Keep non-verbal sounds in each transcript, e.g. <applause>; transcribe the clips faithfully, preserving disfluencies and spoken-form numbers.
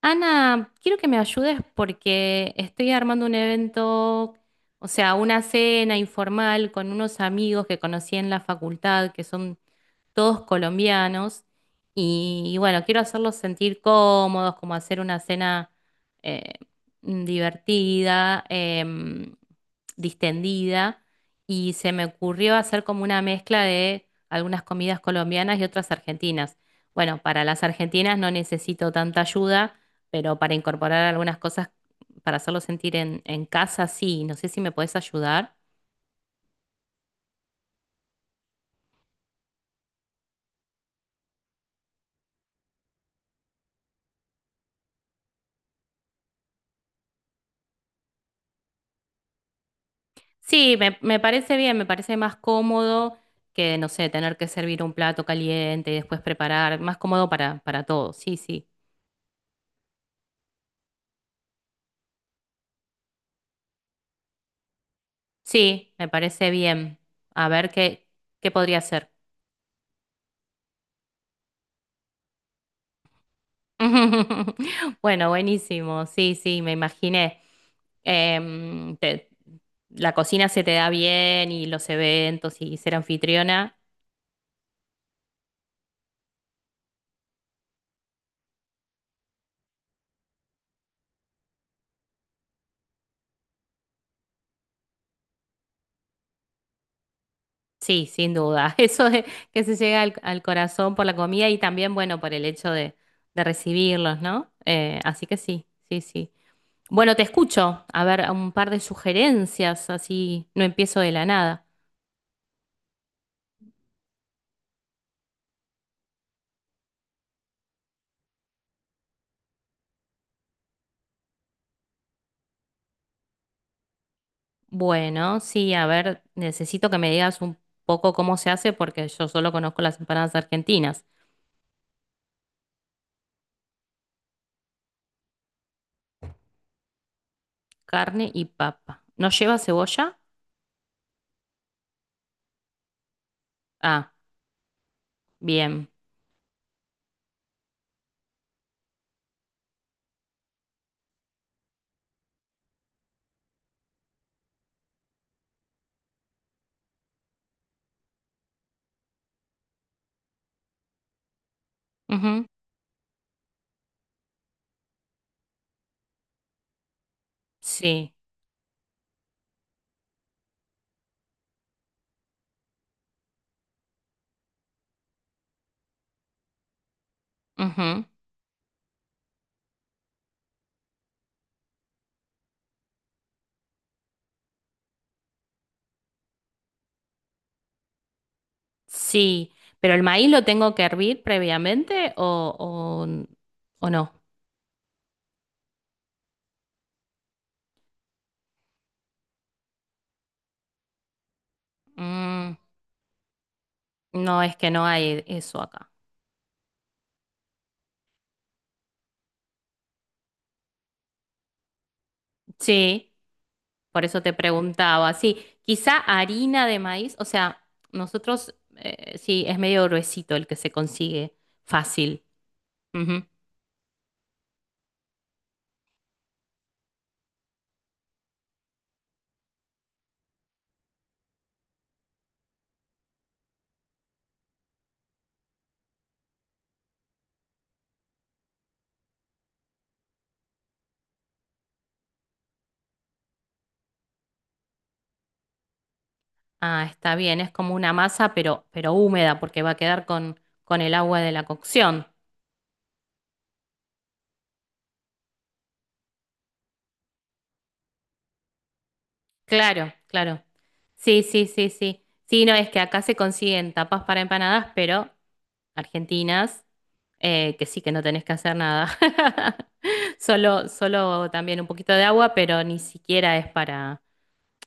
Ana, quiero que me ayudes porque estoy armando un evento, o sea, una cena informal con unos amigos que conocí en la facultad, que son todos colombianos. Y, y bueno, quiero hacerlos sentir cómodos, como hacer una cena eh, divertida, em, distendida. Y se me ocurrió hacer como una mezcla de algunas comidas colombianas y otras argentinas. Bueno, para las argentinas no necesito tanta ayuda, pero para incorporar algunas cosas, para hacerlos sentir en, en casa, sí. No sé si me puedes ayudar. Sí, me, me parece bien, me parece más cómodo que, no sé, tener que servir un plato caliente y después preparar, más cómodo para, para todos, sí, sí. Sí, me parece bien. A ver qué, qué podría hacer. <laughs> Bueno, buenísimo, sí, sí, me imaginé. Em, te- la cocina se te da bien y los eventos y ser anfitriona. Sí, sin duda. <laughs> Eso de que se llega al, al corazón por la comida y también, bueno, por el hecho de, de recibirlos, ¿no? Eh, así que sí, sí, sí. Bueno, te escucho. A ver, un par de sugerencias, así no empiezo de la nada. Bueno, sí, a ver, necesito que me digas un poco cómo se hace porque yo solo conozco las empanadas argentinas. Carne y papa. ¿No lleva cebolla? Ah, bien. Ujú. Sí. Ujú. Sí, pero el maíz lo tengo que hervir previamente o, o, o no. Mm, no, es que no hay eso acá. Sí, por eso te preguntaba. Sí, quizá harina de maíz, o sea, nosotros, eh, sí, es medio gruesito el que se consigue fácil. Ujú. Ah, está bien, es como una masa, pero, pero húmeda, porque va a quedar con, con el agua de la cocción. Claro, claro. Sí, sí, sí, sí. Sí, no, es que acá se consiguen tapas para empanadas, pero argentinas, eh, que sí que no tenés que hacer nada. <laughs> Solo, solo también un poquito de agua, pero ni siquiera es para,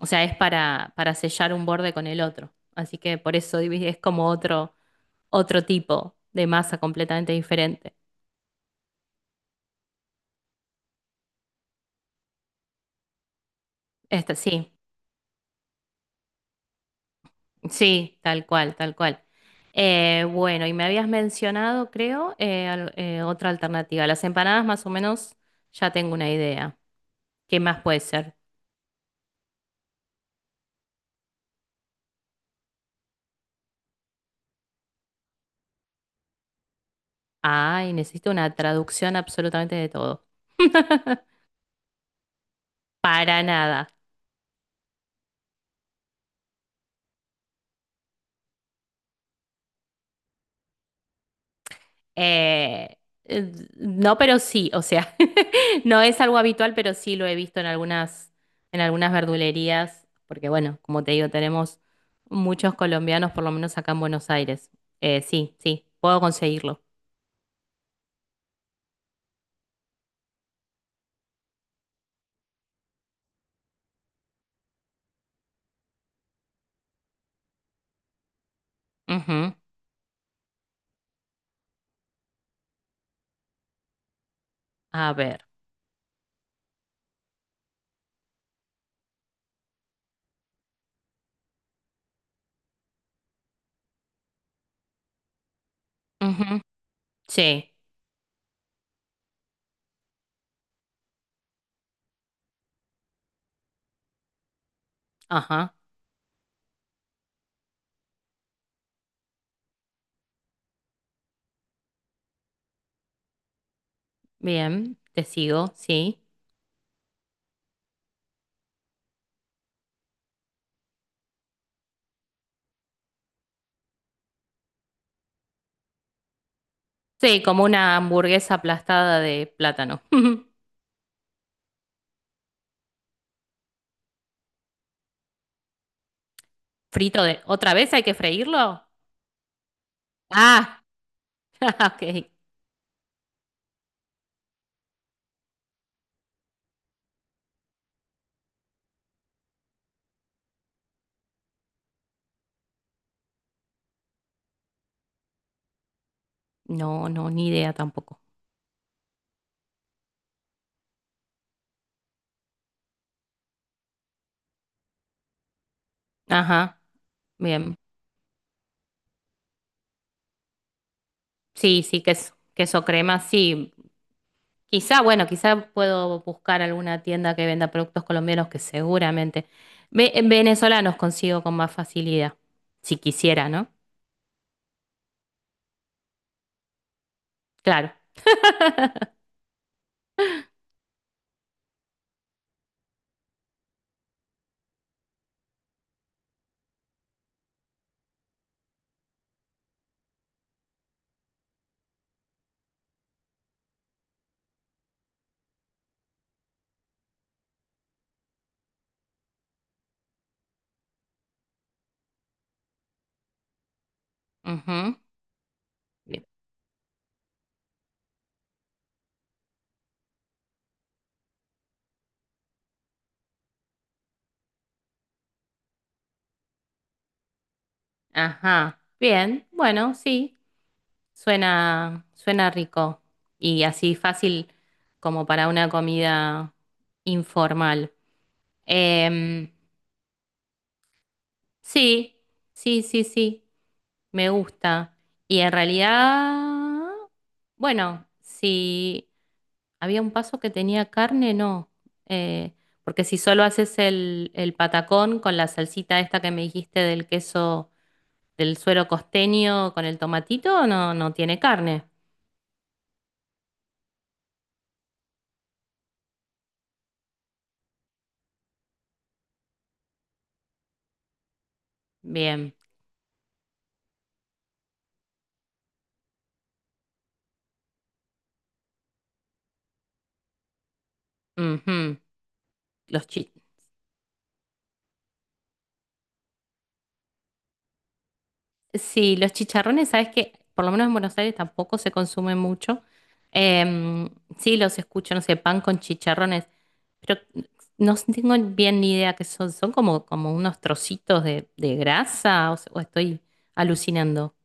o sea, es para, para sellar un borde con el otro. Así que por eso divi- es como otro, otro tipo de masa completamente diferente. Esta, sí, sí, tal cual, tal cual. Eh, bueno, y me habías mencionado, creo, eh, al- eh, otra alternativa. Las empanadas más o menos ya tengo una idea. ¿Qué más puede ser? Ay, necesito una traducción absolutamente de todo. <laughs> Para nada. Eh, eh, no, pero sí, o sea, <laughs> no es algo habitual, pero sí lo he visto en algunas, en algunas verdulerías, porque bueno, como te digo, tenemos muchos colombianos, por lo menos acá en Buenos Aires. Eh, sí, sí, puedo conseguirlo. Ujú. A ver. Ujú. Sí, ajá, bien, te sigo, sí. Sí, como una hamburguesa aplastada de plátano. <laughs> Frito de... ¿Otra vez hay que freírlo? Ah, <laughs> ok. No, no, ni idea tampoco. Ajá, bien. Sí, sí, queso, queso crema, sí. Quizá, bueno, quizá puedo buscar alguna tienda que venda productos colombianos que seguramente ve- venezolanos consigo con más facilidad, si quisiera, ¿no? Claro. Ujú. Bien. Ajá. Bien, bueno, sí. Suena, suena rico y así fácil como para una comida informal. Em, sí, sí, sí, sí, me gusta. Y en realidad, bueno, si había un paso que tenía carne, no. Eh, Porque si solo haces el, el patacón con la salsita esta que me dijiste del queso, del suero costeño con el tomatito, no, no tiene carne. Bien. Ujú. Los, chi- Sí, los chicharrones, sabes que por lo menos en Buenos Aires tampoco se consumen mucho. Em, sí, los escucho, no sé, pan con chicharrones, pero no tengo bien ni idea qué son. Son como, como unos trocitos de, de grasa o, se- o estoy alucinando.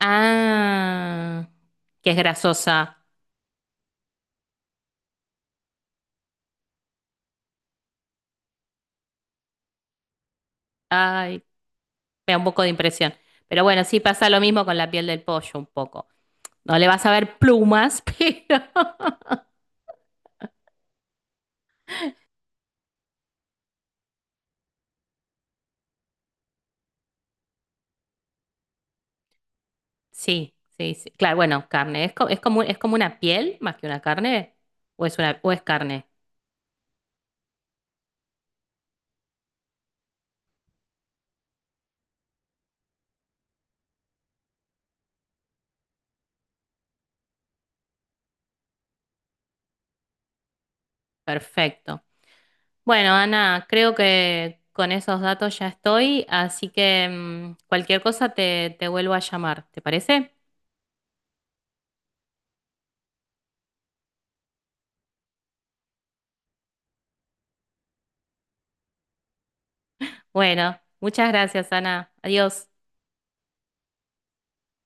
Ah, que es grasosa. Ay, me da un poco de impresión. Pero bueno, sí pasa lo mismo con la piel del pollo un poco. No le vas a ver plumas, <laughs> pero sí, sí, sí. Claro, bueno, carne. ¿Es, co- es como, es como una piel más que una carne? ¿O es una, o es carne? Perfecto. Bueno, Ana, creo que con esos datos ya estoy, así que mm, cualquier cosa te, te vuelvo a llamar, ¿te parece? Bueno, muchas gracias, Ana. Adiós.